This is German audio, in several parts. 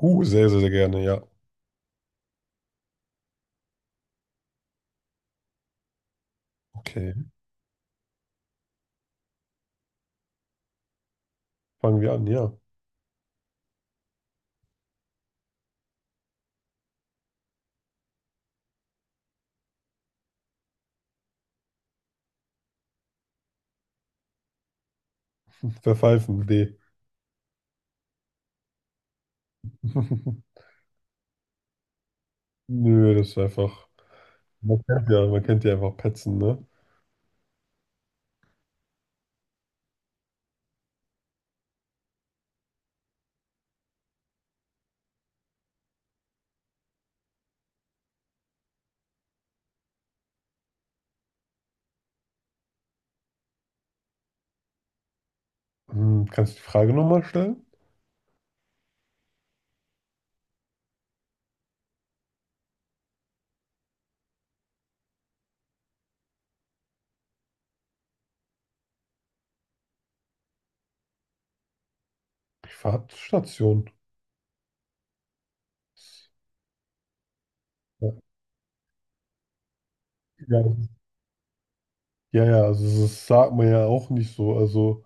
Sehr, sehr, sehr gerne, ja. Okay, fangen wir an, ja. Verpfeifen, D. Nö, das ist einfach. Man kennt ja einfach Petzen, ne? Hm, kannst du die Frage nochmal stellen? Privatstation. Ja, ja, ja, ja, also das sagt man ja auch nicht so. Also,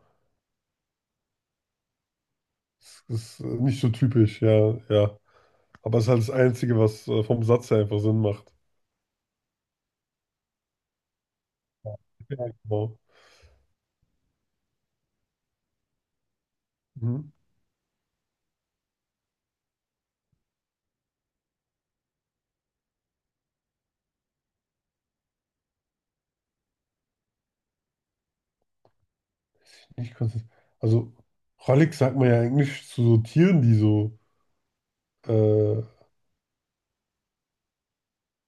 es ist nicht so typisch, ja, ja. Aber es ist halt das Einzige, was vom Satz her einfach Sinn macht. Ja, ja, genau. Mhm. Nicht konsistent. Also, rollig sagt man ja eigentlich zu so Tieren, die so äh,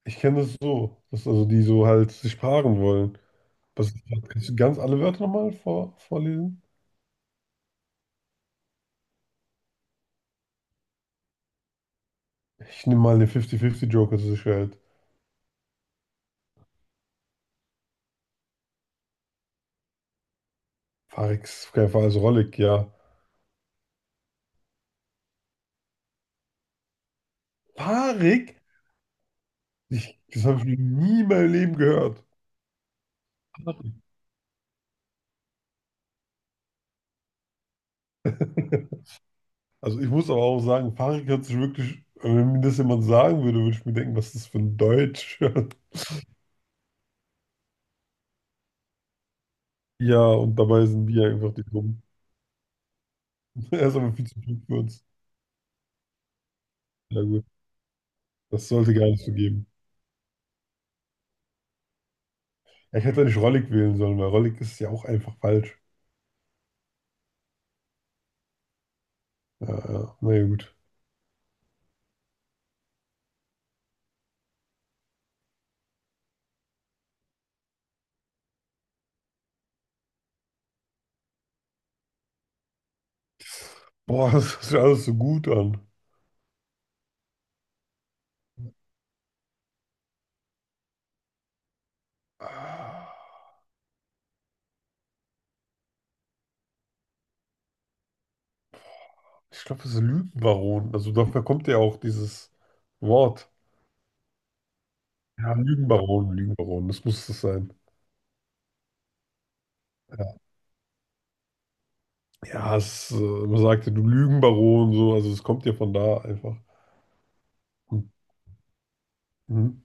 ich kenne das so, dass also die so halt sich paaren wollen. Was, kannst du ganz alle Wörter nochmal vorlesen? Ich nehme mal den 50-50-Joker zu zur Sicherheit. Farix, auf keinen Fall, also rollig, ja. Farik? Ich, das habe ich noch nie in meinem Leben gehört. Also ich muss aber auch sagen, Farik hört sich wirklich, also wenn mir das jemand sagen würde, würde ich mir denken, was ist das für ein Deutsch? Ja, und dabei sind wir einfach die Dummen. Er ist aber viel zu klug für uns. Ja gut, das sollte gar nicht so geben. Ja, ich hätte nicht rollig wählen sollen, weil rollig ist ja auch einfach falsch. Ja, ja, naja, gut. Boah, das hört sich alles so gut an. Ah, ich glaube, das ist Lügenbaron. Also dafür kommt ja auch dieses Wort. Ja, Lügenbaron, Lügenbaron, das muss das sein. Ja, ja es, äh, man sagte, du Lügenbaron, so, also es kommt ja von da einfach. Mhm.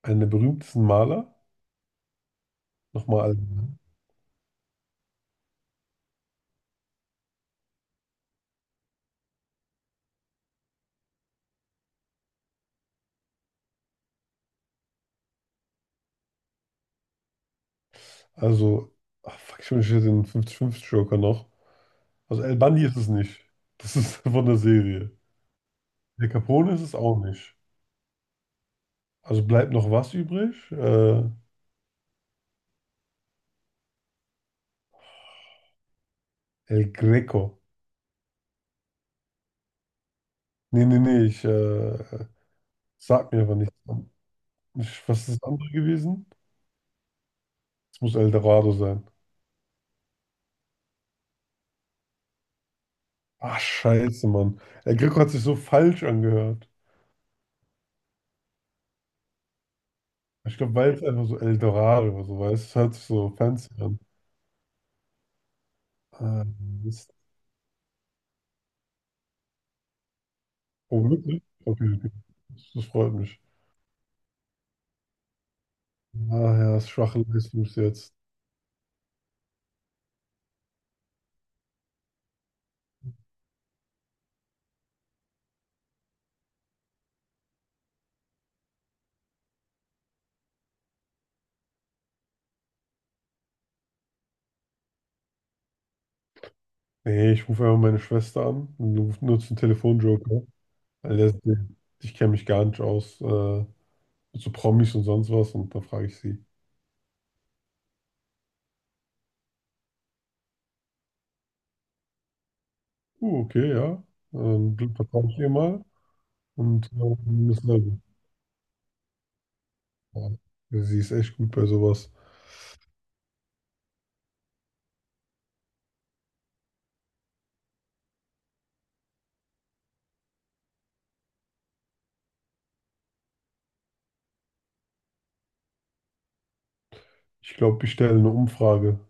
Einer der berühmtesten Maler, nochmal, also, ach, fuck, ich wünsche den 50-50-Joker noch. Also El Bundy ist es nicht. Das ist von der Serie. El Capone ist es auch nicht. Also bleibt noch was übrig? El Greco. Nee, nee, nee, ich sag mir aber nichts. Ich, was ist das andere gewesen? Es muss El Dorado sein. Ach, scheiße, Mann. El Greco hat sich so falsch angehört. Ich glaube, weil es einfach so El Dorado oder so weiß. Es hört sich so fancy an. Äh, ist, oh, wirklich? Okay, okay. Das, das freut mich. Ah ja, das schwache Leistung bis jetzt. Nee, ich rufe einfach meine Schwester an und nutze einen Telefonjoker. Weil das, ich kenne mich gar nicht aus mit so Promis und sonst was und da frage ich sie, okay, ja, Glück vertraue ich ihr mal und ist neu. Ja, sie ist echt gut bei sowas. Ich glaube, ich stelle eine Umfrage.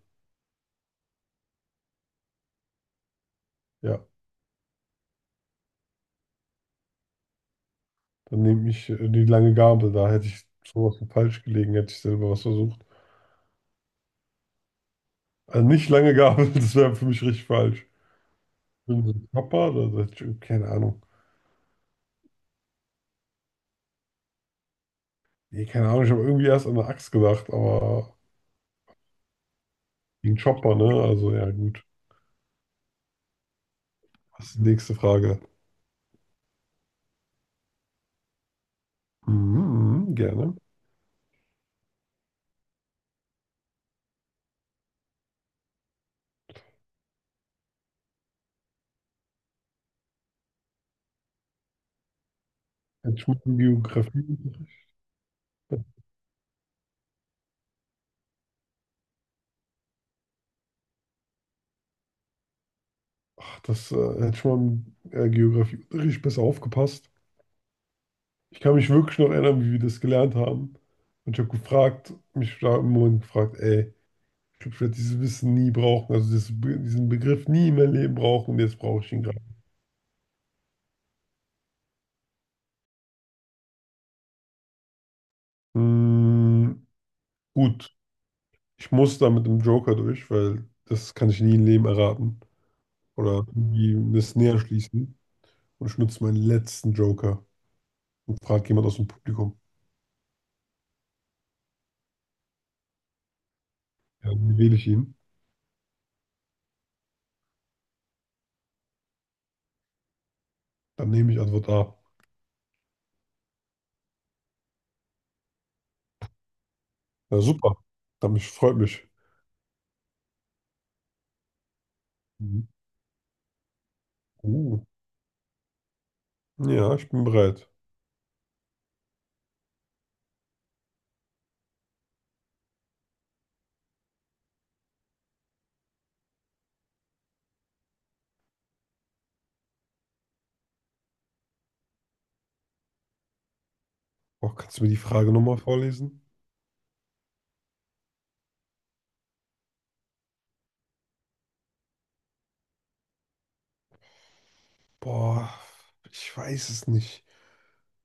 Ja, dann nehme ich die lange Gabel, da hätte ich sowas von falsch gelegen, hätte ich selber was versucht. Also nicht lange Gabel, das wäre für mich richtig falsch. Wenn so ein Chopper, da hätte ich, irgendwie- keine Ahnung. Nee, keine Ahnung, ich habe irgendwie erst an eine Axt gedacht, aber gegen Chopper, ne? Also ja, gut. Was? Ist die nächste Frage. Mhm, gerne. Hätte ich mal im Geografieunterricht, ach, das hätte ich mal im Geografieunterricht besser aufgepasst. Ich kann mich wirklich noch erinnern, wie wir das gelernt haben. Und ich habe gefragt, mich da im Moment gefragt, ey, ich glaube, ich werde dieses Wissen nie brauchen, also dieses, diesen Begriff nie in meinem Leben brauchen und jetzt brauche ich ihn gerade. Hm, gut, ich muss da mit dem Joker durch, weil das kann ich nie im Leben erraten oder irgendwie das näher schließen. Und ich nutze meinen letzten Joker und fragt jemand aus dem Publikum, ja, wie wähle ich ihn? Dann nehme ich Antwort A. Ja, super. Dann freut mich. Mhm. Uh, ja, ich bin bereit. Boah, kannst du mir die Frage nochmal vorlesen? Boah, ich weiß es nicht.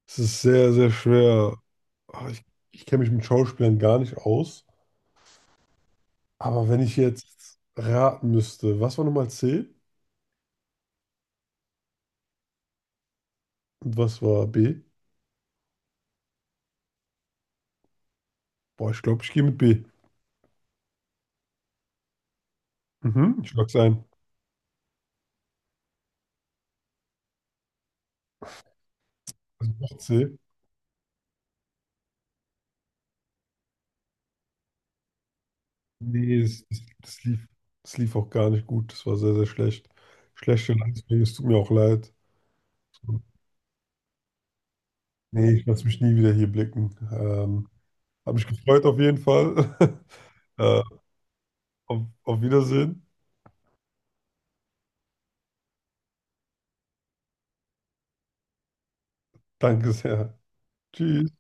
Es ist sehr, sehr schwer. Ah, ich kenne mich mit Schauspielern gar nicht aus. Aber wenn ich jetzt raten müsste, was war nochmal C und was war B? Boah, ich glaube, ich gehe mit B. Mhm, ich log's ein. Also noch C. Nee, das lief auch gar nicht gut. Das war sehr, sehr schlecht. Schlechte Leistung, es tut mir auch leid. Nee, ich lasse mich nie wieder hier blicken. Habe mich gefreut auf jeden Fall. äh, auf Wiedersehen. Danke sehr. Tschüss.